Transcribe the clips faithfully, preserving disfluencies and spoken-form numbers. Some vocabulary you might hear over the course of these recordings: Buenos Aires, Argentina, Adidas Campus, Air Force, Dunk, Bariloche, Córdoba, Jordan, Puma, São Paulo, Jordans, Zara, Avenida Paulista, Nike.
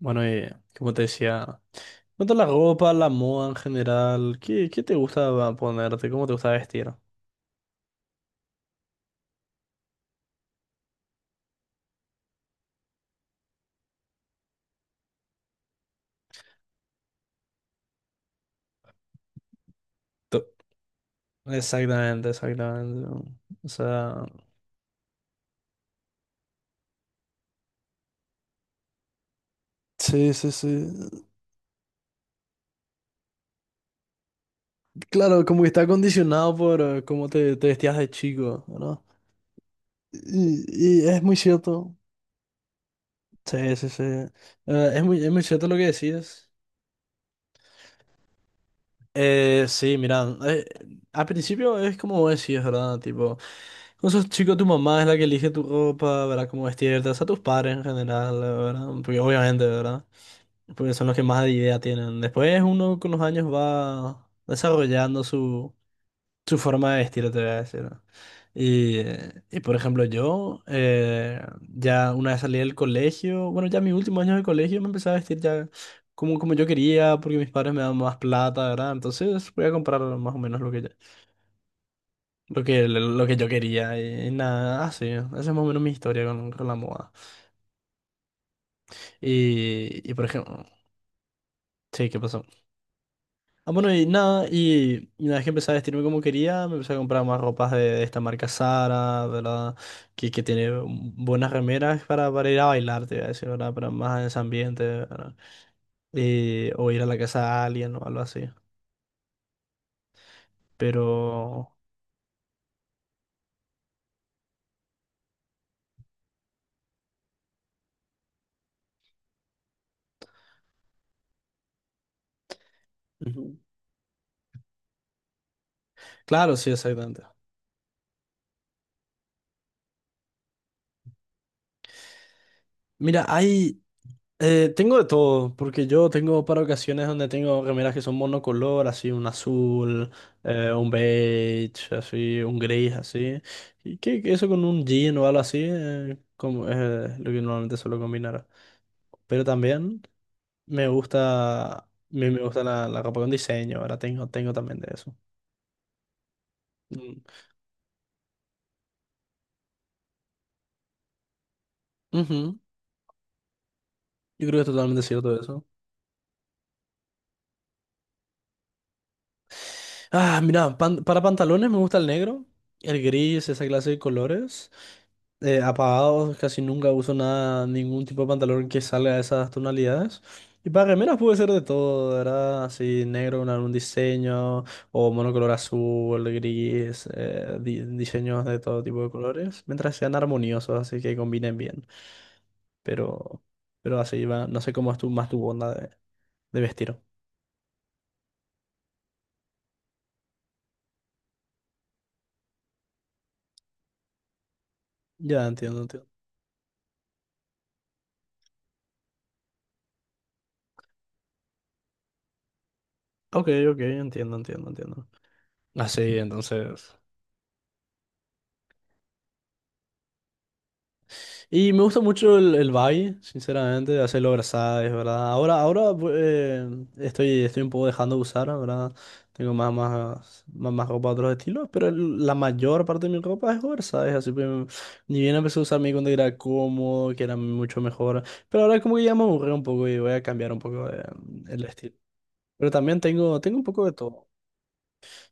Bueno, y como te decía, cuanto a la ropa, la moda en general, ¿qué, qué te gusta ponerte? ¿Cómo te gusta vestir? To- Exactamente, exactamente. O sea, sí, sí, sí. Claro, como que está condicionado por eh, cómo te, te vestías de chico, ¿no? Y, y es muy cierto. Sí, sí, sí. Eh, es muy, es muy cierto lo que decís. Eh, sí, mira, eh, al principio es como vos decís, ¿verdad? Tipo, con sos chico tu mamá es la que elige tu ropa, ¿verdad? Cómo vestirte, o sea, tus padres en general, ¿verdad? Porque obviamente, ¿verdad? Porque son los que más idea tienen. Después uno con los años va desarrollando su su forma de vestir, te voy a decir, ¿no? Y, y, por ejemplo, yo eh, ya una vez salí del colegio, bueno, ya mi último año de colegio me empecé a vestir ya como, como yo quería, porque mis padres me daban más plata, ¿verdad? Entonces voy a comprar más o menos lo que, ya- lo que, lo que yo quería y, nada, así, esa es más o menos mi historia con, con la moda. Y, y por ejemplo, sí, ¿qué pasó? Ah, bueno, y nada, y, y una vez que empecé a vestirme como quería, me empecé a comprar más ropas de, de esta marca Zara, ¿verdad? Que, que tiene buenas remeras para, para ir a bailar, te voy a decir, ¿verdad? Para más en ese ambiente, ¿verdad? Eh, o ir a la casa de alguien o algo así. Pero, ujú, claro, sí, exactamente. Mira, hay, Eh, tengo de todo, porque yo tengo para ocasiones donde tengo remeras que son monocolor, así un azul, eh, un beige, así, un gris, así. Y que, que eso con un jean o algo así, eh, como es lo que normalmente suelo combinar. Pero también me gusta, me, me gusta la, la ropa con diseño, ahora tengo, tengo también de eso. Mm. Ujú. Yo creo que es totalmente cierto eso. Ah, mira, pan- para pantalones me gusta el negro, el gris, esa clase de colores. Eh, apagados, casi nunca uso nada, ningún tipo de pantalón que salga de esas tonalidades. Y para remeras puede ser de todo, ¿verdad? Así negro con algún diseño, o monocolor azul, gris, eh, di- diseños de todo tipo de colores, mientras sean armoniosos, así que combinen bien. Pero, pero así va, no sé cómo es tu, más tu onda de, de vestir. Ya entiendo, entiendo. Ok, ok, entiendo, entiendo, entiendo. Así, entonces. Y me gusta mucho el, el Valle, sinceramente, hacerlo es ¿verdad? Ahora, ahora bu- eh, estoy, estoy un poco dejando de usar, ¿verdad? Tengo más, más, más, más ropa de otros estilos, pero el- la mayor parte de mi ropa es oversize, así que mm, ni bien empecé a usar mi cuando era cómodo, que era mucho mejor, pero ahora como que ya me aburrí un poco y voy a cambiar un poco de- el estilo. Pero también tengo, tengo un poco de todo.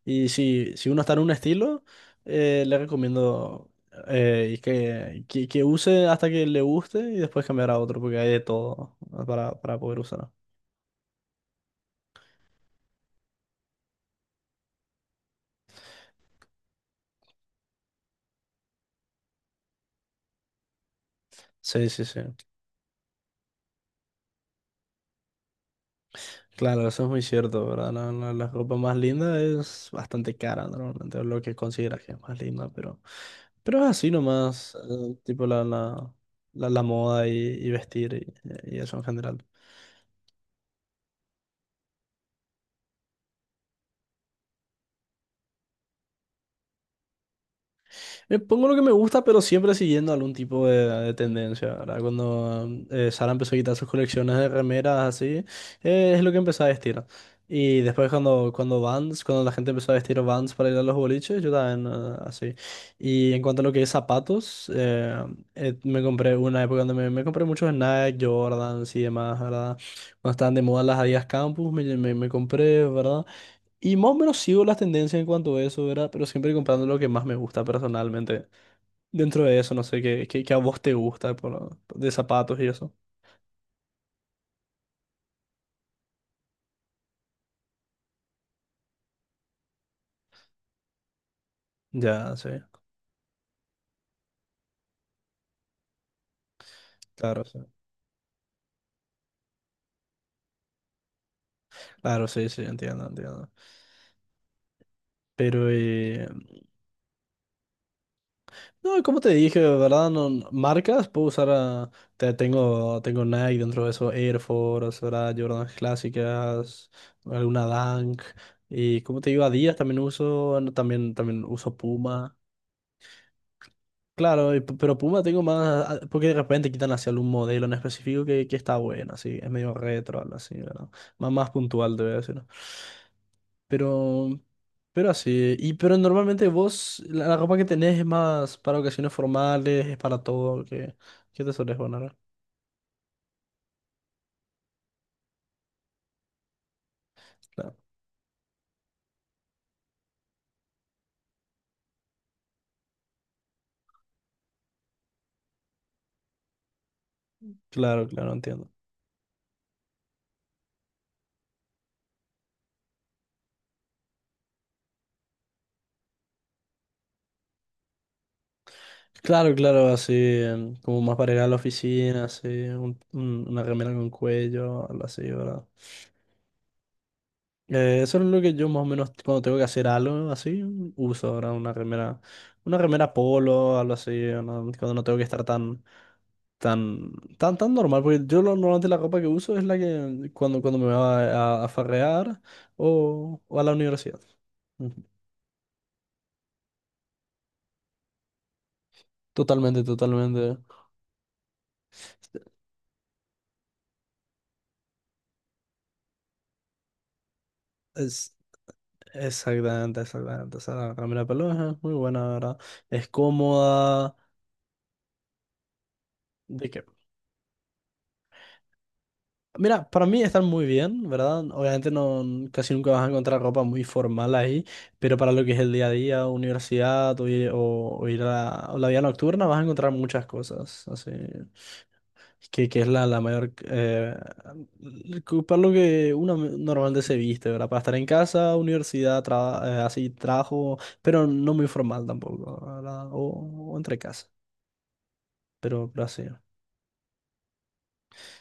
Y si, si uno está en un estilo, eh, le recomiendo eh, y que, que, que use hasta que le guste y después cambiar a otro, porque hay de todo, ¿no? para, para poder usar. Sí, sí, sí. Claro, eso es muy cierto, ¿verdad? La, la- la ropa más linda es bastante cara, normalmente, lo que consideras que es más linda, pero, pero es así nomás, eh, tipo la, la, la, la moda y, y vestir y, y eso en general. Me pongo lo que me gusta, pero siempre siguiendo algún tipo de, de tendencia, ¿verdad? Cuando eh, Sara empezó a quitar sus colecciones de remeras así, eh, es lo que empecé a vestir. Y después cuando, cuando Vans, cuando la gente empezó a vestir Vans para ir a los boliches, yo también eh, así. Y en cuanto a lo que es zapatos, eh, eh, me compré una época donde me, me compré muchos Nike, Jordans y demás, ¿verdad? Cuando estaban de moda las Adidas Campus, me, me, me compré, ¿verdad? Y más o menos sigo las tendencias en cuanto a eso, ¿verdad? Pero siempre comprando lo que más me gusta personalmente. Dentro de eso, no sé, qué, qué, qué a vos te gusta por- de zapatos y eso. Ya, sí, claro, sí. Claro, sí, sí, entiendo, entiendo. Pero, eh, no, como te dije, ¿verdad? No, no- marcas, puedo usar, ah, te- tengo, tengo Nike dentro de eso, Air Force, ¿verdad? Jordan clásicas, alguna Dunk. Y como te digo, Adidas también uso, no, también, también uso Puma. Claro, y p- pero Puma tengo más, ah, porque de repente quitan hacia algún modelo en específico que, que está bueno, así, es medio retro, algo así, ¿verdad? Más, más puntual, te voy a decir, ¿no? Pero, pero así, y pero normalmente vos, la, la ropa que tenés es más para ocasiones formales, es para todo, que ¿qué te sueles poner? Claro, claro, claro, entiendo. Claro, claro, así, em, como más para ir a la oficina, así, un- un- una remera con cuello, algo así, ¿verdad? Eh, eso es lo que yo más o menos cuando tengo que hacer algo así, uso ahora una remera, una remera polo, algo así, una- cuando no tengo que estar tan, tan, tan, tan normal, porque yo lo- normalmente la ropa que uso es la que cuando, cuando me va a, a farrear o, o a la universidad. Ujú. Totalmente, totalmente. Es, exactamente, exactamente. Esa remera pelo es muy buena, la ¿verdad? Es cómoda. ¿De qué? Mira, para mí están muy bien, ¿verdad? Obviamente no, casi nunca vas a encontrar ropa muy formal ahí, pero para lo que es el día a día, universidad o, ir o- o ir a la, o la vida nocturna, vas a encontrar muchas cosas, así, que, que es la, la mayor... eh, que- para lo que uno normalmente se viste, ¿verdad? Para estar en casa, universidad, tra- eh, así, trabajo, pero no muy formal tampoco, ¿verdad? O, o entre casa, pero, pero así.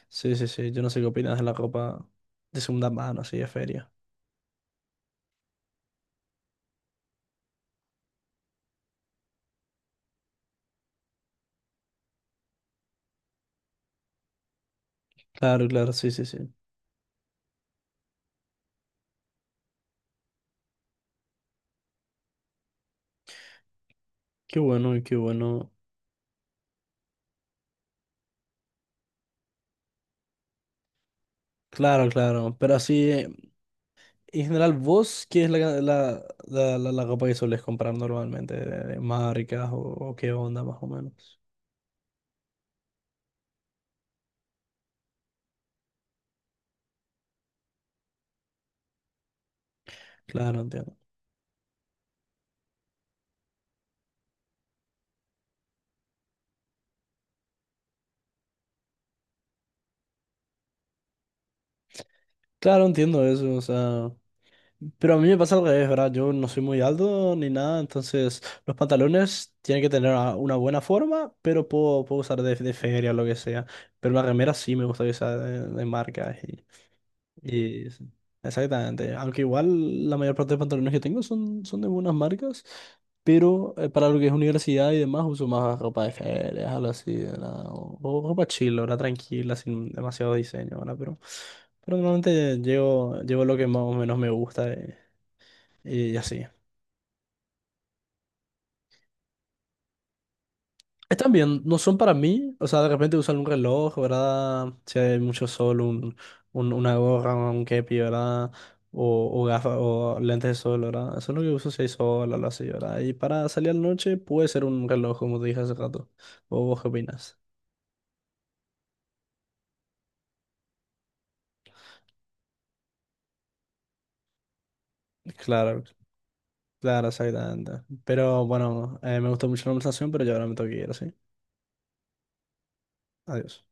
Sí, sí, sí, yo no sé qué opinas de la ropa de segunda mano, así, de feria. Claro, claro, sí, sí, sí. Qué bueno, y qué bueno. Claro, claro. Pero así, eh, en general, ¿vos qué es la, ca- la, la, la, la ropa que soles comprar normalmente? ¿De, de marcas o, o qué onda más o menos? Claro, entiendo. Claro, entiendo eso, o sea... Pero a mí me pasa al revés, ¿verdad? Yo no soy muy alto ni nada, entonces los pantalones tienen que tener a- una buena forma, pero puedo, puedo usar de, de feria o lo que sea. Pero la remera sí me gusta que sea de, de marca. Y sí, exactamente. Aunque igual la mayor parte de pantalones que tengo son, son de buenas marcas, pero eh, para lo que es universidad y demás uso más ropa de ferias, algo así, ¿verdad? O, o ropa chill, ¿verdad? Tranquila, sin demasiado diseño, ¿verdad? Pero, pero normalmente llevo, llevo lo que más o menos me gusta, eh, y así. Están bien, no son para mí, o sea, de repente usan un reloj, ¿verdad? Si hay mucho sol, un, un- una gorra, un kepi, ¿verdad? O, o gafas, o lentes de sol, ¿verdad? Eso es lo que uso si hay sol o algo así, ¿verdad? Y para salir a la noche puede ser un reloj, como te dije hace rato. ¿O vos qué opinas? Claro, claro, exactamente. Pero bueno, eh, me gustó mucho la conversación, pero yo ahora me tengo que ir, ¿sí? Adiós.